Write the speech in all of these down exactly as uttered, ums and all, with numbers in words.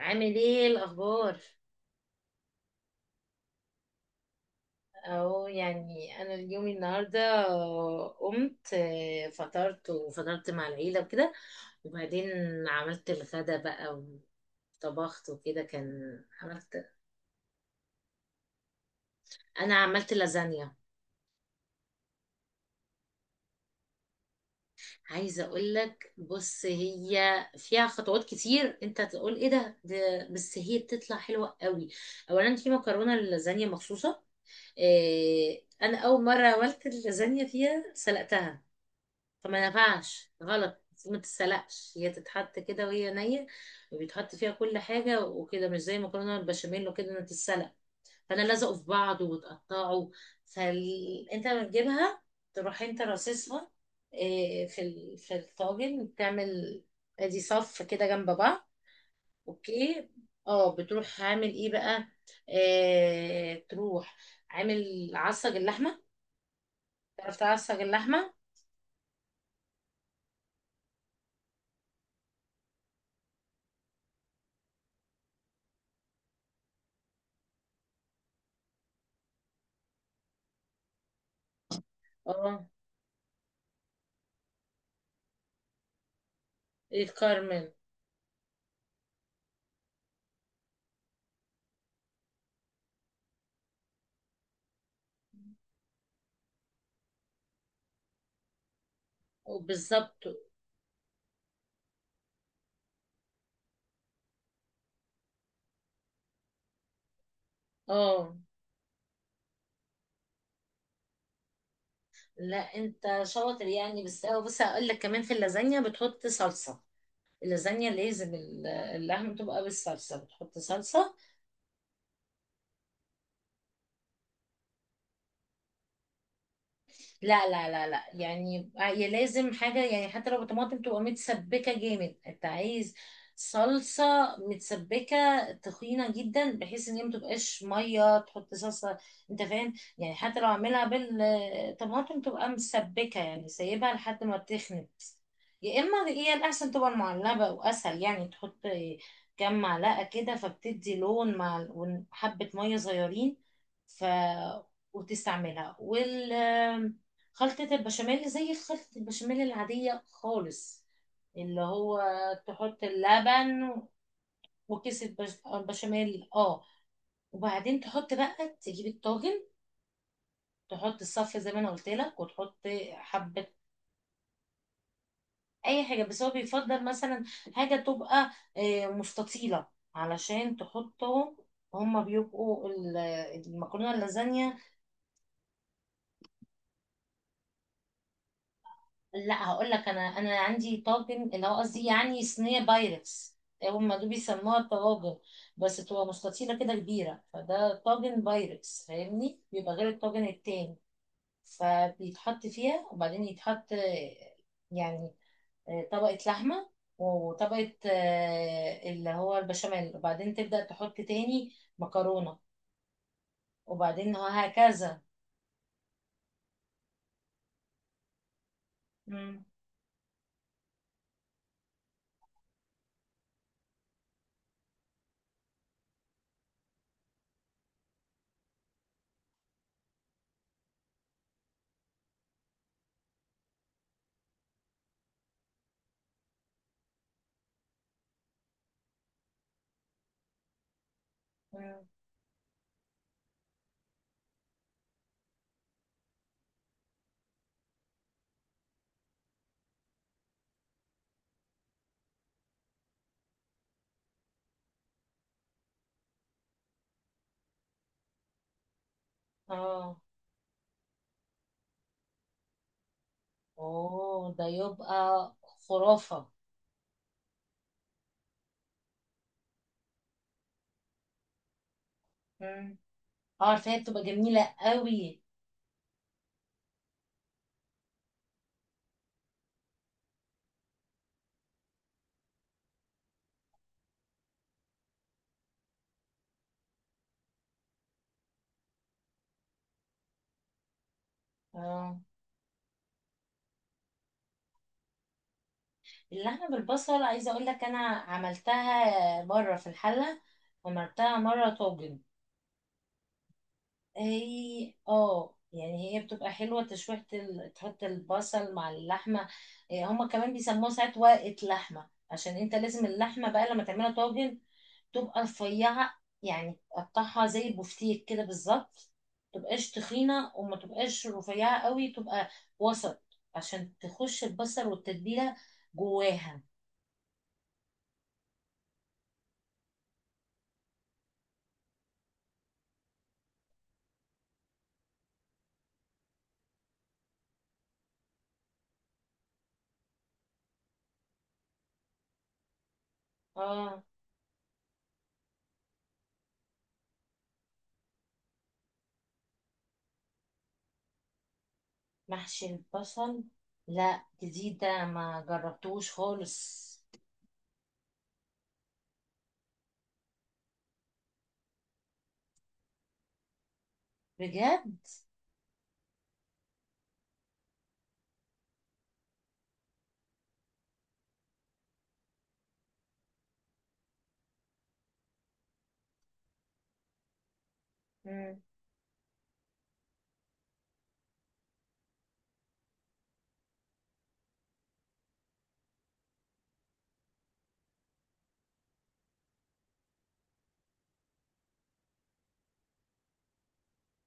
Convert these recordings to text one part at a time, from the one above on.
عامل ايه الاخبار؟ اهو يعني انا اليوم النهارده قمت، آه، فطرت وفطرت مع العيله وكده، وبعدين عملت الغدا بقى وطبخت وكده كان. عملت انا عملت لازانيا. عايزه اقول لك، بص هي فيها خطوات كتير، انت تقول ايه ده، ده بس هي بتطلع حلوه قوي. اولا في مكرونه للازانيا مخصوصه. آه، انا اول مره عملت اللازانيا فيها سلقتها، فما ينفعش غلط. المفروض ما تتسلقش، هي تتحط كده وهي نية، وبيتحط فيها كل حاجة وكده، مش زي المكرونة البشاميل وكده انها تتسلق، فانا لازقوا في بعض وتقطعوا. فانت لما تجيبها تروح انت راصصها، إيه، في ال- في الطاجن، تعمل ادي صف كده جنب بعض. اوكي. اه بتروح عامل ايه بقى؟ إيه تروح عامل عصج اللحمه، تعرف تعصج اللحمه؟ اه، يتكرمل، بالظبط، اه. لا انت شاطر يعني، بس اه بص هقول لك، كمان في اللازانيا بتحط صلصه. اللازانيا لازم ال- اللحمه تبقى بالصلصه، بتحط صلصه. لا لا لا لا، يعني هي لازم حاجة، يعني حتى لو طماطم تبقى متسبكة جامد، انت عايز صلصة متسبكة تخينة جدا، بحيث ان هي متبقاش مية. تحط صلصة، انت فاهم؟ يعني حتى لو عاملها بالطماطم تبقى مسبكة، يعني سايبها لحد ما تخنت. يا اما هي الاحسن تبقى المعلبة واسهل، يعني تحط كام معلقة كده فبتدي لون، مع وحبة مية صغيرين. ف، وتستعملها. وال، خلطة البشاميل زي خلطة البشاميل العادية خالص، اللي هو تحط اللبن وكيس البش- البشاميل، اه. وبعدين تحط بقى، تجيب الطاجن، تحط الصف زي ما انا قلت لك، وتحط حبة. اي حاجة، بس هو بيفضل مثلا حاجة تبقى آه، مستطيلة، علشان تحطهم، هما بيبقوا ال- المكرونة اللازانيا. لا هقول لك، انا انا عندي طاجن، اللي هو قصدي يعني صينيه بايركس، هم دول بيسموها طواجن، بس تبقى مستطيله كده كبيره، فده طاجن بايركس فاهمني، بيبقى غير الطاجن التاني. فبيتحط فيها وبعدين يتحط آه، يعني آه، طبقه لحمه، وطبقه آه، اللي هو البشاميل، وبعدين تبدا تحط تاني مكرونه، وبعدين وهكذا. مم. مم. اه، اوه ده يبقى خرافه. اه عارفاها، بتبقى جميلة قوي. اه، اللحمة بالبصل عايزة اقول لك، انا عملتها بره في الحلة، وعملتها مرة طاجن. هي اه يعني هي بتبقى حلوة، تشويحة ال... تحط البصل مع اللحمة. إيه، هما كمان بيسموها ساعات ورقة لحمة، عشان انت لازم اللحمة بقى لما تعملها طاجن تبقى رفيعة، يعني تقطعها زي البفتيك كده بالظبط، متبقاش تخينة، وما تبقاش رفيعة قوي، تبقى وسط، عشان تخش البصل والتتبيلة جواها. اه محشي البصل؟ لا جديدة، ما جربتوش خالص. بجد؟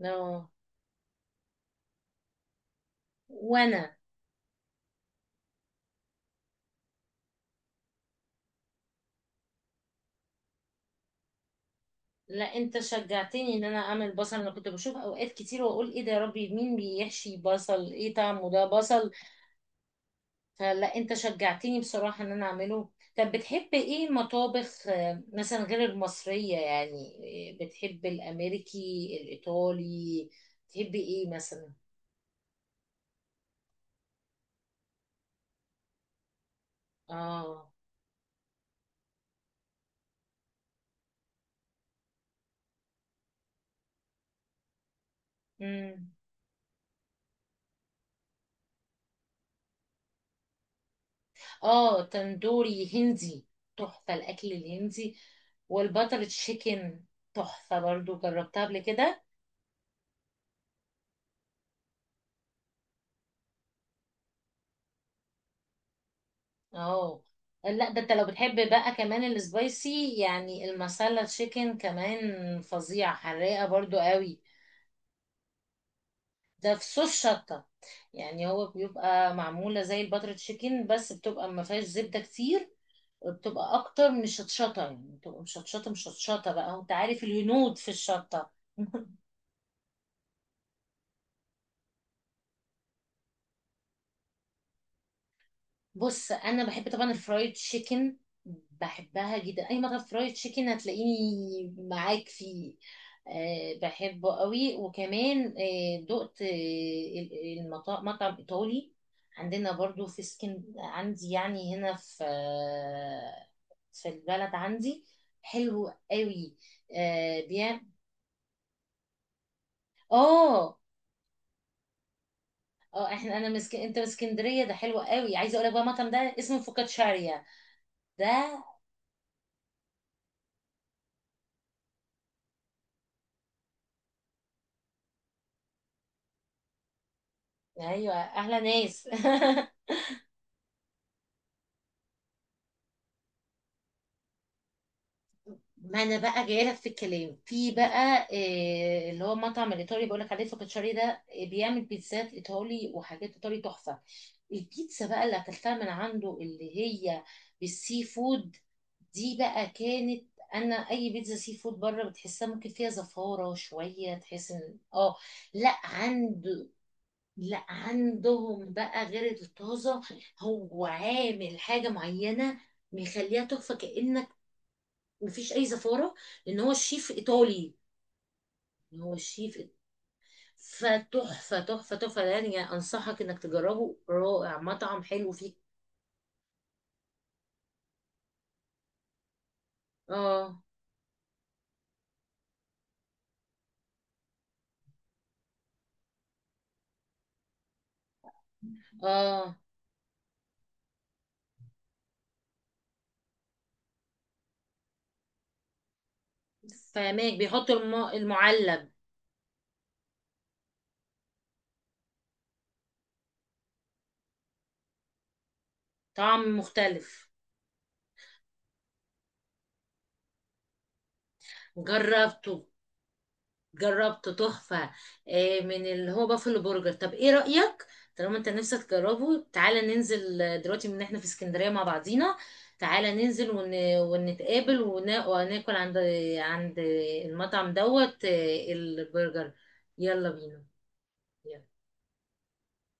اه وانا. لا انت شجعتني ان انا اعمل بصل، انا كنت بشوف اوقات كتير واقول ايه ده يا ربي، مين بيحشي بصل، ايه طعمه ده بصل؟ فلا انت شجعتني بصراحة ان انا اعمله. طب بتحب ايه مطابخ، آه، مثلا غير المصرية يعني؟ آه، بتحب الامريكي، الايطالي، بتحب ايه مثلا؟ اه، امم، اه تندوري هندي، تحفة الاكل الهندي. والبتر تشيكن تحفة برضو، جربتها قبل كده. اه لا ده انت لو بتحب بقى كمان السبايسي، يعني المسالة تشيكن كمان فظيعة، حراقة برضو قوي. ده في صوص شطة، يعني هو بيبقى معمولة زي الباتر تشيكن، بس بتبقى ما فيهاش زبدة كتير، وبتبقى اكتر من الشطشطة، يعني بتبقى مشطشطة مشطشطة بقى، وانت عارف الهنود في الشطة. بص انا بحب طبعا الفرايد تشيكن، بحبها جدا، اي مطعم فرايد تشيكن هتلاقيني معاك فيه. أه بحبه قوي. وكمان أه دقت المطعم، مطعم ايطالي عندنا برضو في سكن عندي، يعني هنا في آه، في البلد عندي، حلو قوي، أه بيعمل اه اه احنا انا مسك... انت من اسكندريه؟ ده حلو قوي. عايزه اقول لك بقى، المطعم ده اسمه فوكاتشاريا ده. ايوه احلى ناس. ما انا بقى جايه لك في الكلام في بقى، آه، اللي هو مطعم الايطالي بقول لك عليه فوكاتشاري ده، آه، بيعمل بيتزات ايطالي وحاجات ايطالي تحفه. البيتزا بقى اللي اكلتها من عنده، اللي هي بالسي فود، دي بقى كانت، انا اي بيتزا سي فود بره بتحسها ممكن فيها زفاره شويه، تحس ان اه. لا عنده، لا عندهم بقى غير الطازة. هو عامل حاجة معينة مخليها تحفة، كأنك مفيش أي زفارة، لأن هو الشيف إيطالي. هو الشيف إيط- فتحفة تحفة تحفة، يعني أنصحك إنك تجربه، رائع مطعم حلو فيه. آه، آه، فهماك بيحط الم... المعلب. طعم مختلف. جربته، جربته تحفة، آه، من اللي هو بافلو برجر. طب ايه رأيك، طالما انت نفسك تجربه، تعالى ننزل، آه، دلوقتي من احنا في اسكندرية مع بعضينا، تعالى ننزل ون... ونتقابل ونا... وناكل عند، عند المطعم دوت، آه، البرجر. يلا بينا.